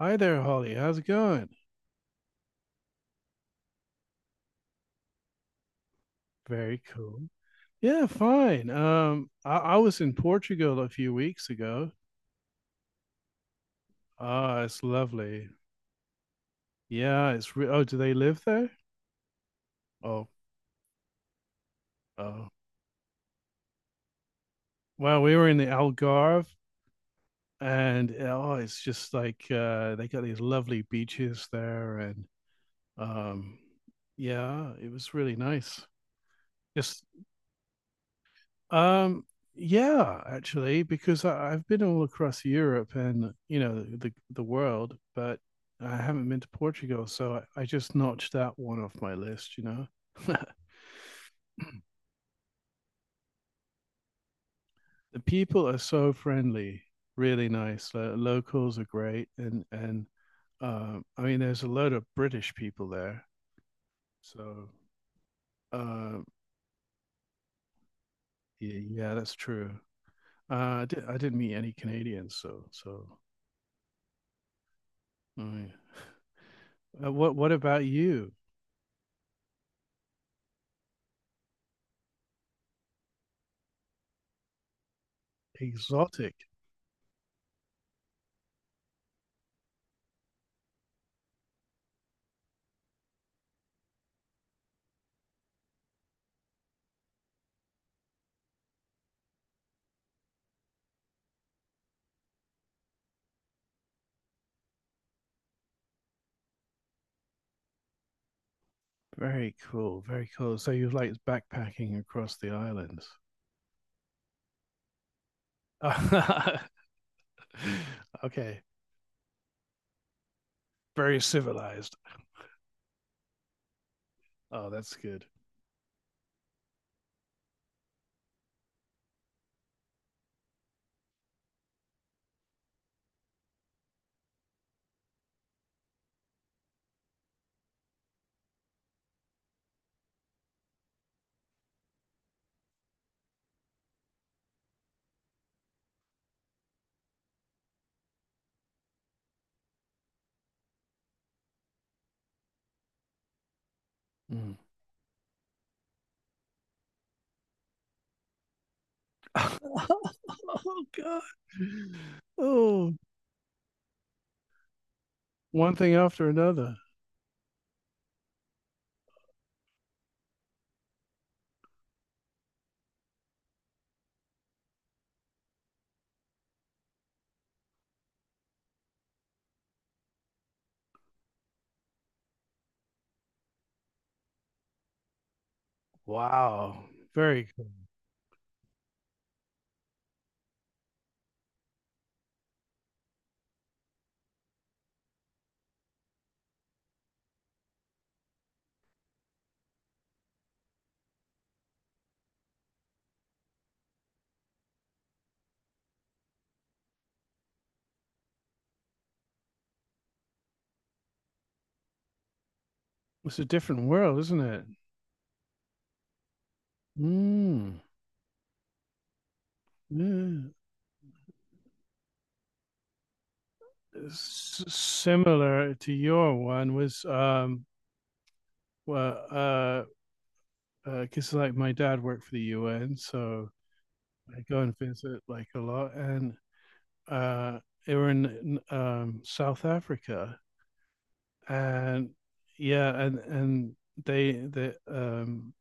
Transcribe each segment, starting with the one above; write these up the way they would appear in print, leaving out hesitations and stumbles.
Hi there, Holly. How's it going? Very cool. Yeah, fine. I was in Portugal a few weeks ago. Ah, it's lovely. Yeah, oh, do they live there? Oh, oh. Well, we were in the Algarve, and oh, it's just like they got these lovely beaches there, and um, yeah, it was really nice. Just Um, yeah, actually, because I've been all across Europe and you know the world, but I haven't been to Portugal, so I just notched that one off my list. The people are so friendly, really nice. Locals are great, and I mean, there's a load of British people there, so uh, yeah, yeah, that's true. I didn't meet any Canadians, so. I mean, what about you? Exotic. Very cool. Very cool. So you like backpacking across the islands. Okay. Very civilized. Oh, that's good. Mm. Oh, God. Oh, one thing after another. Wow. Very cool. It's a different world, isn't it? Mm. Yeah. Similar to your one was well because like my dad worked for the UN, so I go and visit like a lot, and uh, they were in South Africa, and yeah, and they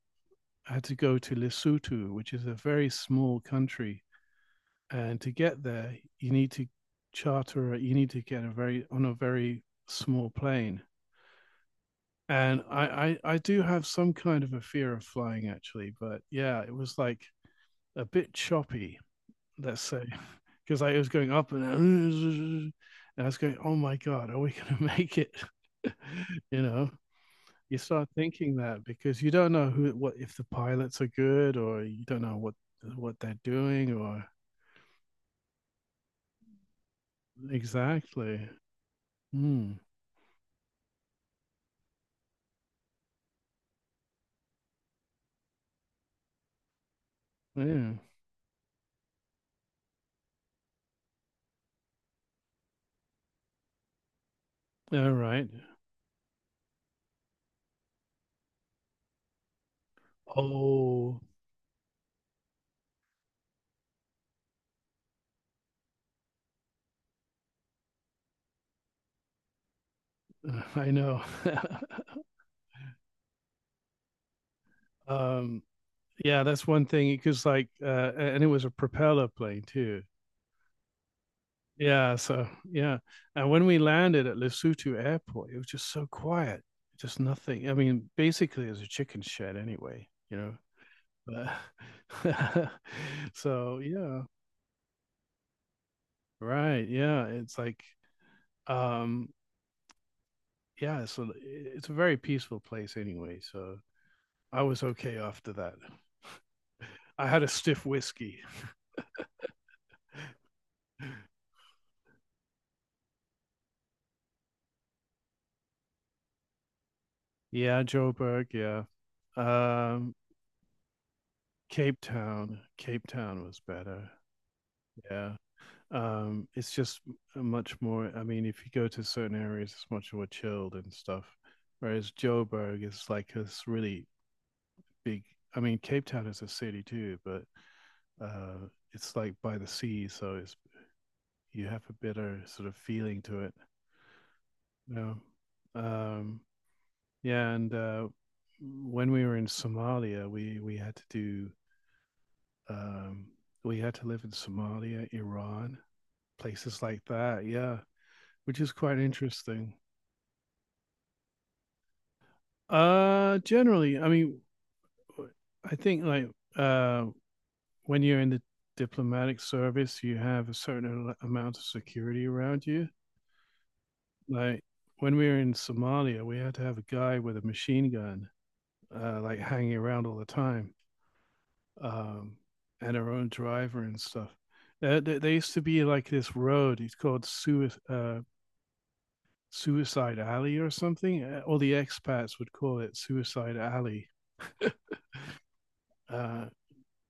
had to go to Lesotho, which is a very small country, and to get there, you need to charter, you need to get a very small plane. And I do have some kind of a fear of flying actually, but yeah, it was like a bit choppy let's say, because I was going up and I was going, oh my God, are we going to make it? you know, you start thinking that because you don't know who, what, if the pilots are good or you don't know what they're doing or, exactly. Hmm. Yeah. All right. Oh, I know. um, yeah, that's one thing because like, and it was a propeller plane too. Yeah, so yeah. And when we landed at Lesotho Airport, it was just so quiet, just nothing. I mean, basically, it was a chicken shed anyway. But so yeah, right, yeah. It's like, um, yeah. So it's a very peaceful place anyway. So I was okay after that. I had a stiff whiskey. Yeah, Joe Joburg. Yeah. Um, Cape Town. Cape Town was better. Yeah. It's just much more. I mean, if you go to certain areas, it's much more chilled and stuff. Whereas Joburg is like this really big. I mean, Cape Town is a city too, but uh, it's like by the sea, so it's you have a better sort of feeling to it. You know? um, yeah, and when we were in Somalia, um, we had to live in Somalia, Iran, places like that. Yeah, which is quite interesting. Generally, I mean, I think like uh, when you're in the diplomatic service, you have a certain amount of security around you. Like when we were in Somalia, we had to have a guy with a machine gun, like hanging around all the time, um, and our own driver and stuff. There used to be like this road. It's called Suicide Alley or something. All the expats would call it Suicide Alley. uh,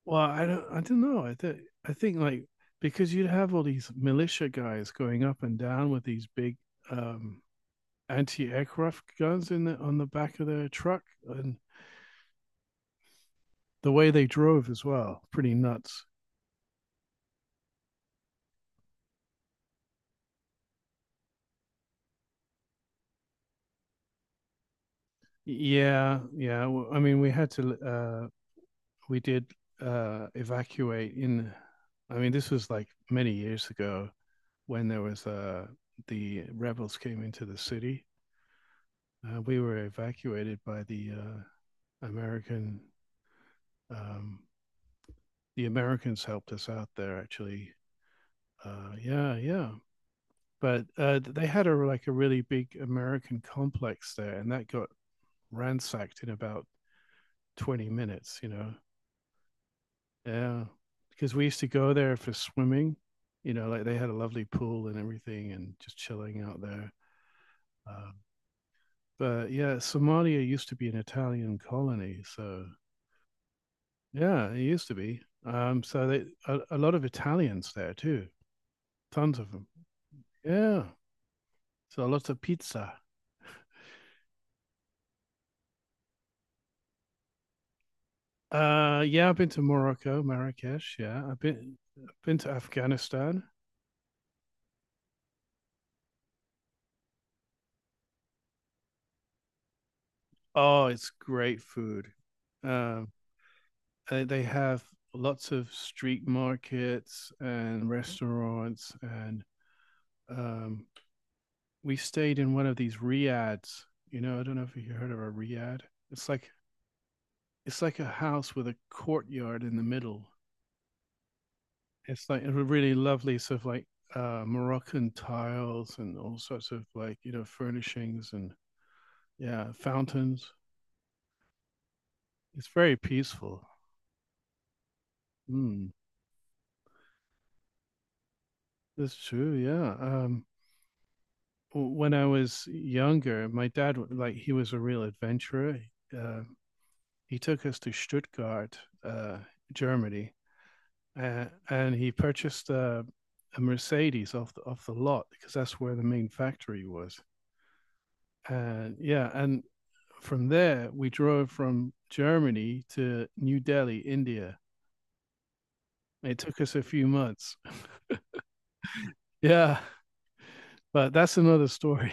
well, I don't know. I think like because you'd have all these militia guys going up and down with these big um, anti-aircraft guns in on the back of their truck, and the way they drove as well, pretty nuts. Yeah, yeah. Well, I mean, we did evacuate in. I mean, this was like many years ago when the rebels came into the city. We were evacuated by the American. Um, the Americans helped us out there, actually. Yeah, yeah. But they had a like a really big American complex there, and that got ransacked in about 20 minutes. Yeah, because we used to go there for swimming. Like they had a lovely pool and everything, and just chilling out there. Uh, But yeah, Somalia used to be an Italian colony, so yeah, it used to be. So a lot of Italians there too, tons of them. Yeah, so lots of pizza. Yeah, I've been to Morocco, Marrakesh. Yeah, I've been to Afghanistan. Oh, it's great food. Um, they have lots of street markets and restaurants and um, we stayed in one of these riads. I don't know if you heard of a riad. It's like it's like a house with a courtyard in the middle. It's like a really lovely sort of like Moroccan tiles and all sorts of like furnishings and yeah fountains. It's very peaceful. Mm, that's true. Yeah. When I was younger, my dad like he was a real adventurer. Uh, he took us to Stuttgart, uh, Germany, and he purchased a Mercedes off the lot because that's where the main factory was. And yeah, and from there we drove from Germany to New Delhi, India. It took us a few months. Yeah, but that's another story.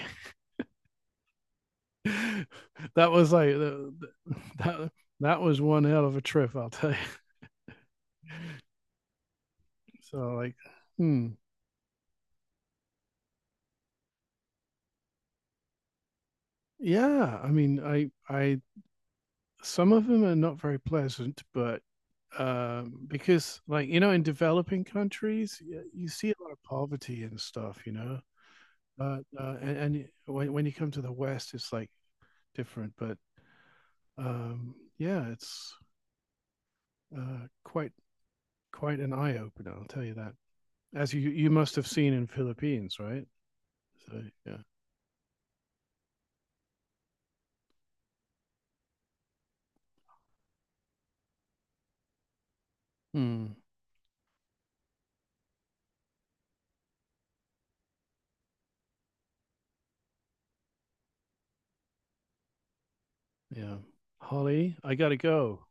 That was like, that that was one hell of a trip, I'll tell you. So like, hmm, yeah. I mean, I some of them are not very pleasant, but because, like, in developing countries, you see a lot of poverty and stuff. But and when you come to the West, it's like different. But yeah, it's uh, quite quite an eye opener, I'll tell you that. As you must have seen in Philippines, right? So yeah, hmm, yeah. Holly, I gotta go.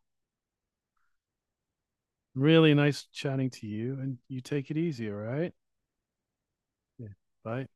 Really nice chatting to you, and you take it easy, all right? Yeah. Bye.